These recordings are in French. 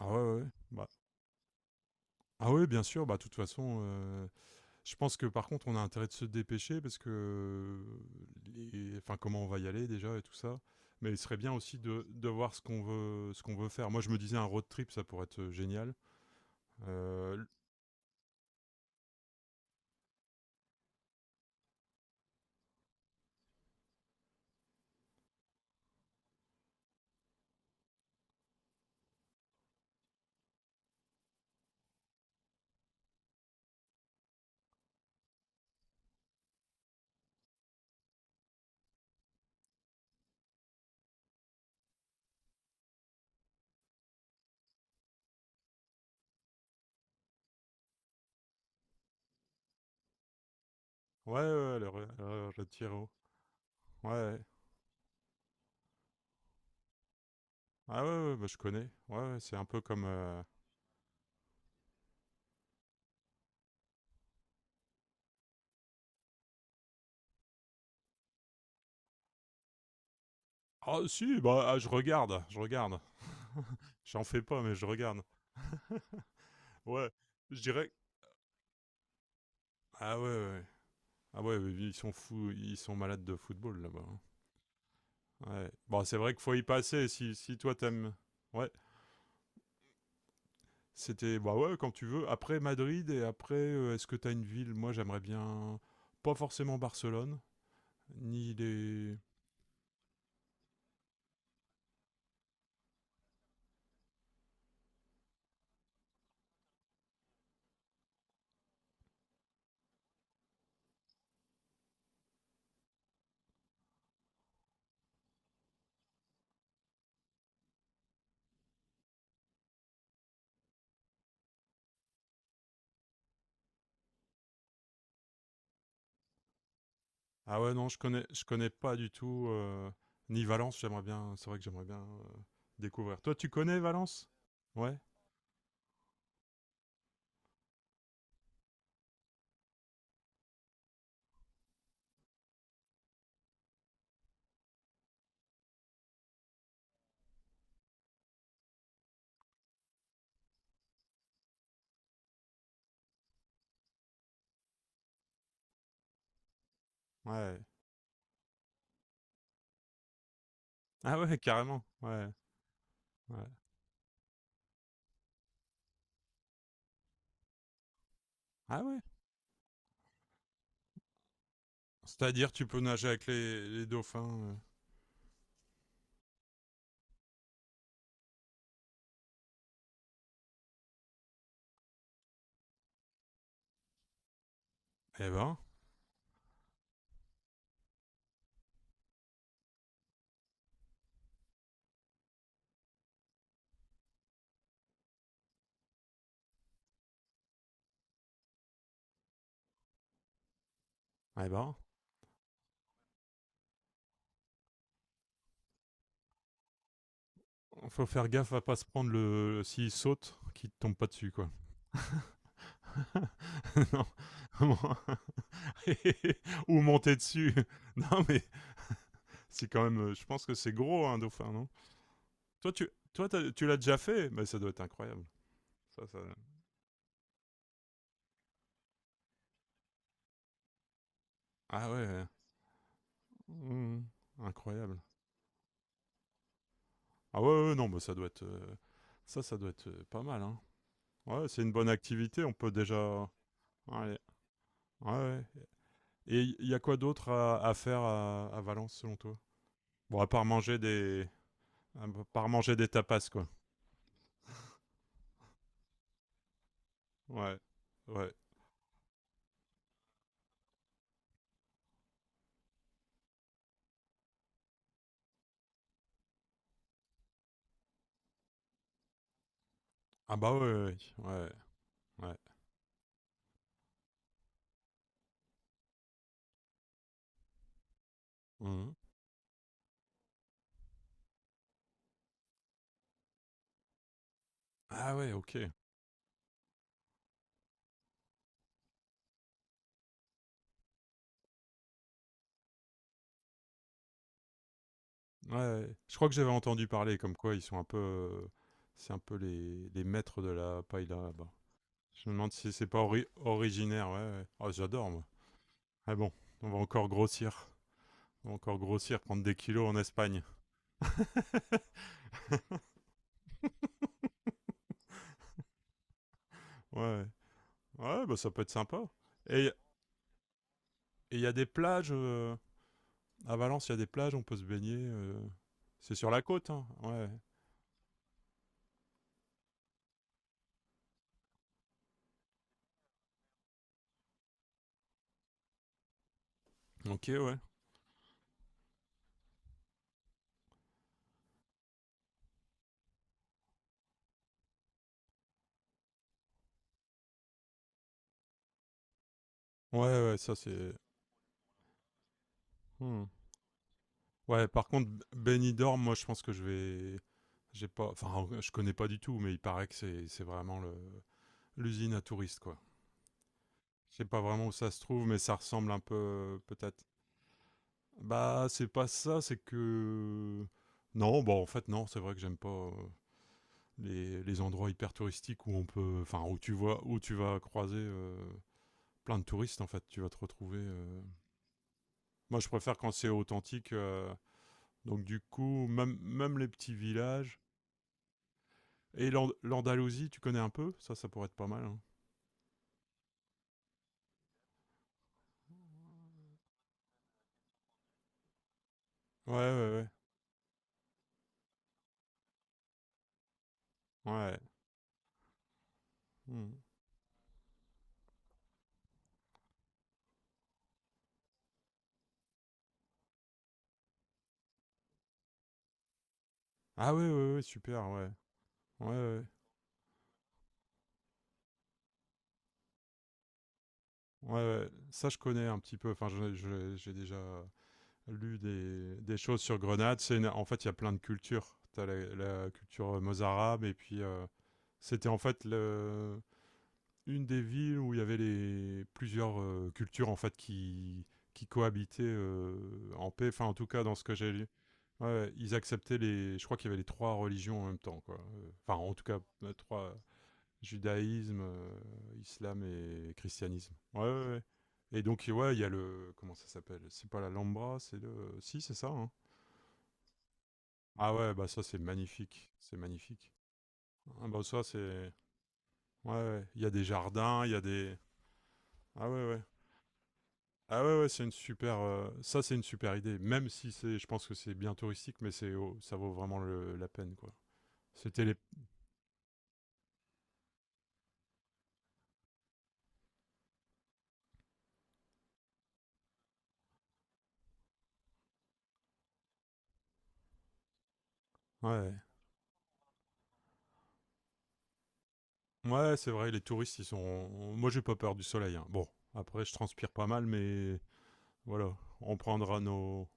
Ah ouais, ouais, ouais. Bah. Ah ouais, bien sûr, bah de toute façon, je pense que par contre on a intérêt de se dépêcher parce que enfin comment on va y aller déjà et tout ça. Mais il serait bien aussi de voir ce qu'on veut faire. Moi je me disais un road trip ça pourrait être génial. Euh, l- ouais, ouais, ouais, le Retiro. Ouais, ouais. Ah ouais, ouais, bah je connais. Ouais, ouais, c'est un peu comme ah si, bah ah, je regarde, je regarde. J'en fais pas mais je regarde. Ouais, je dirais. Ah ouais, ouais. Ah ouais, ils sont fous, ils sont malades de football là-bas, hein. Ouais. Bon, c'est vrai qu'il faut y passer si toi t'aimes. Ouais, c'était bah ouais quand tu veux. Après Madrid et après, est-ce que t'as une ville? Moi, j'aimerais bien pas forcément Barcelone, ni les. Ah ouais, non, je connais pas du tout. Ni Valence, j'aimerais bien. C'est vrai que j'aimerais bien découvrir. Toi, tu connais Valence? Ouais, ouais. Ah ouais, carrément. Ouais, ouais. Ah ouais. C'est-à-dire, tu peux nager avec les dauphins? Eh ben. Eh ben, faut faire gaffe à pas se prendre le, s'il saute, qu'il te tombe pas dessus quoi. Non. Bon. Ou monter dessus. Non mais c'est quand même, je pense que c'est gros un dauphin, non? Toi tu l'as déjà fait, mais ça doit être incroyable. Ça, ça- Ah ouais, ouais. Mmh. Incroyable. Ah ouais, ouais, non, mais ça doit être, ça doit être pas mal, hein. Ouais, c'est une bonne activité. On peut déjà. Ouais, ouais, ouais. Et il y a quoi d'autre à faire à Valence selon toi? Bon, à part manger des, à part manger des tapas, quoi. Ouais, ouais. Ah bah ouais, ouais, ouais. Mhm. Ah ouais, ok. Ouais, ouais, je crois que j'avais entendu parler comme quoi ils sont un peu, c'est un peu les maîtres de la paille là-bas. Je me demande si c'est pas originaire, ouais, ouais. Oh, j'adore moi. Ah bon, on va encore grossir, on va encore grossir, prendre des kilos en Espagne. Ouais, ouais, ouais, bah ça peut être sympa. Et et il y a des plages. À Valence, il y a des plages, on peut se baigner. C'est sur la côte, hein. Ouais. Ok, ouais. Ouais, ouais, ça c'est. Hmm. Ouais, par contre, Benidorm, moi je pense que je vais. J'ai pas. Enfin, je connais pas du tout, mais il paraît que c'est vraiment le l'usine à touristes, quoi. Je sais pas vraiment où ça se trouve, mais ça ressemble un peu, peut-être. Bah, c'est pas ça, c'est que. Non, bah en fait, non, c'est vrai que j'aime pas. Les endroits hyper touristiques où on peut enfin où tu vois où tu vas croiser plein de touristes en fait. Tu vas te retrouver. Moi, je préfère quand c'est authentique. Donc du coup, même, même les petits villages. Et l'Andalousie, tu connais un peu? Ça pourrait être pas mal, hein. Ouais, ouais, ouais. Ouais. Hmm. Ah ouais, ouais, ouais, super, ouais. Ouais, ouais. Ouais, ouais. Ça, je connais un petit peu. Enfin, j'ai déjà lu des choses sur Grenade. En fait, il y a plein de cultures. T'as la, la culture mozarabe et puis c'était en fait le, une des villes où il y avait les plusieurs cultures en fait qui cohabitaient en paix. Enfin, en tout cas, dans ce que j'ai lu, ouais, ils acceptaient les. Je crois qu'il y avait les trois religions en même temps, quoi. Enfin, en tout cas, les trois: judaïsme, islam et christianisme. Ouais, ouais, ouais. Et donc, ouais, il y a le, comment ça s'appelle? C'est pas la Lambra, c'est le. Si, c'est ça, hein. Ah ouais, bah ça c'est magnifique, c'est magnifique. Ah bah ça c'est. Ouais, ouais. Il y a des jardins, il y a des. Ah ouais, ouais. Ah ouais, ouais, c'est une super, ça c'est une super idée. Même si c'est, je pense que c'est bien touristique, mais c'est, oh, ça vaut vraiment la peine quoi. C'était les, ouais, ouais, c'est vrai, les touristes ils sont, moi j'ai pas peur du soleil, hein. Bon, après je transpire pas mal, mais voilà, on prendra nos,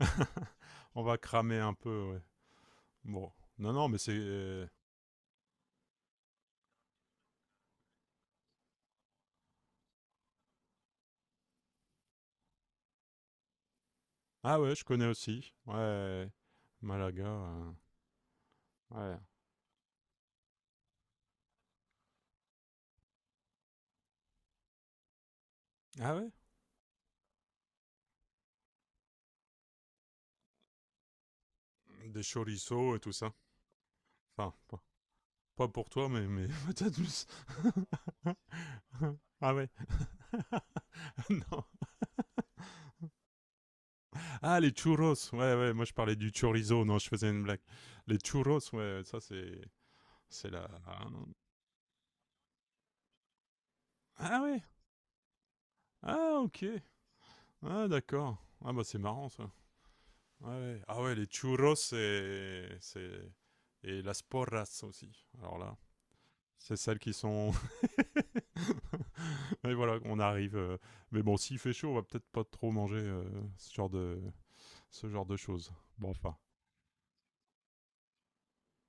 on va cramer un peu, ouais. Bon, non non, mais c'est, ah ouais, je connais aussi, ouais, Malaga, ouais, ah ouais, des chorizos et tout ça. Enfin, pas pour toi, mais peut-être plus. Ah ouais. Non. Ah, les churros. Ouais, ouais, moi je parlais du chorizo. Non, je faisais une blague. Les churros, ouais, ouais, ça c'est. C'est la. Ah ouais. Ah, ok. Ah, d'accord. Ah, bah c'est marrant ça. Ouais, ouais. Ah ouais, les churros c'est, c'est. Et las porras aussi. Alors là, c'est celles qui sont. Mais voilà, on arrive. Mais bon, s'il fait chaud, on va peut-être pas trop manger ce genre ce genre de choses. Bon, enfin.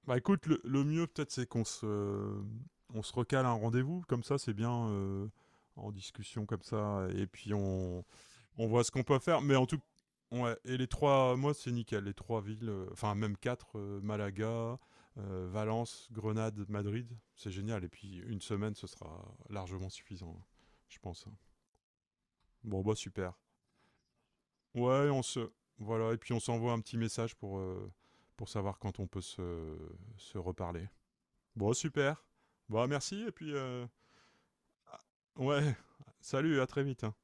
Bah écoute, le mieux peut-être c'est qu'on se, on se recale un rendez-vous, comme ça c'est bien en discussion comme ça, et puis on voit ce qu'on peut faire. Mais en tout ouais, et les trois, moi c'est nickel, les trois villes, enfin même quatre, Malaga, Valence, Grenade, Madrid, c'est génial. Et puis une semaine, ce sera largement suffisant, hein, je pense, hein. Bon, bah super. Ouais, on se. Voilà, et puis on s'envoie un petit message pour savoir quand on peut se, se reparler. Bon, super. Bon, merci, et puis. Ah, Ouais, salut, à très vite, hein.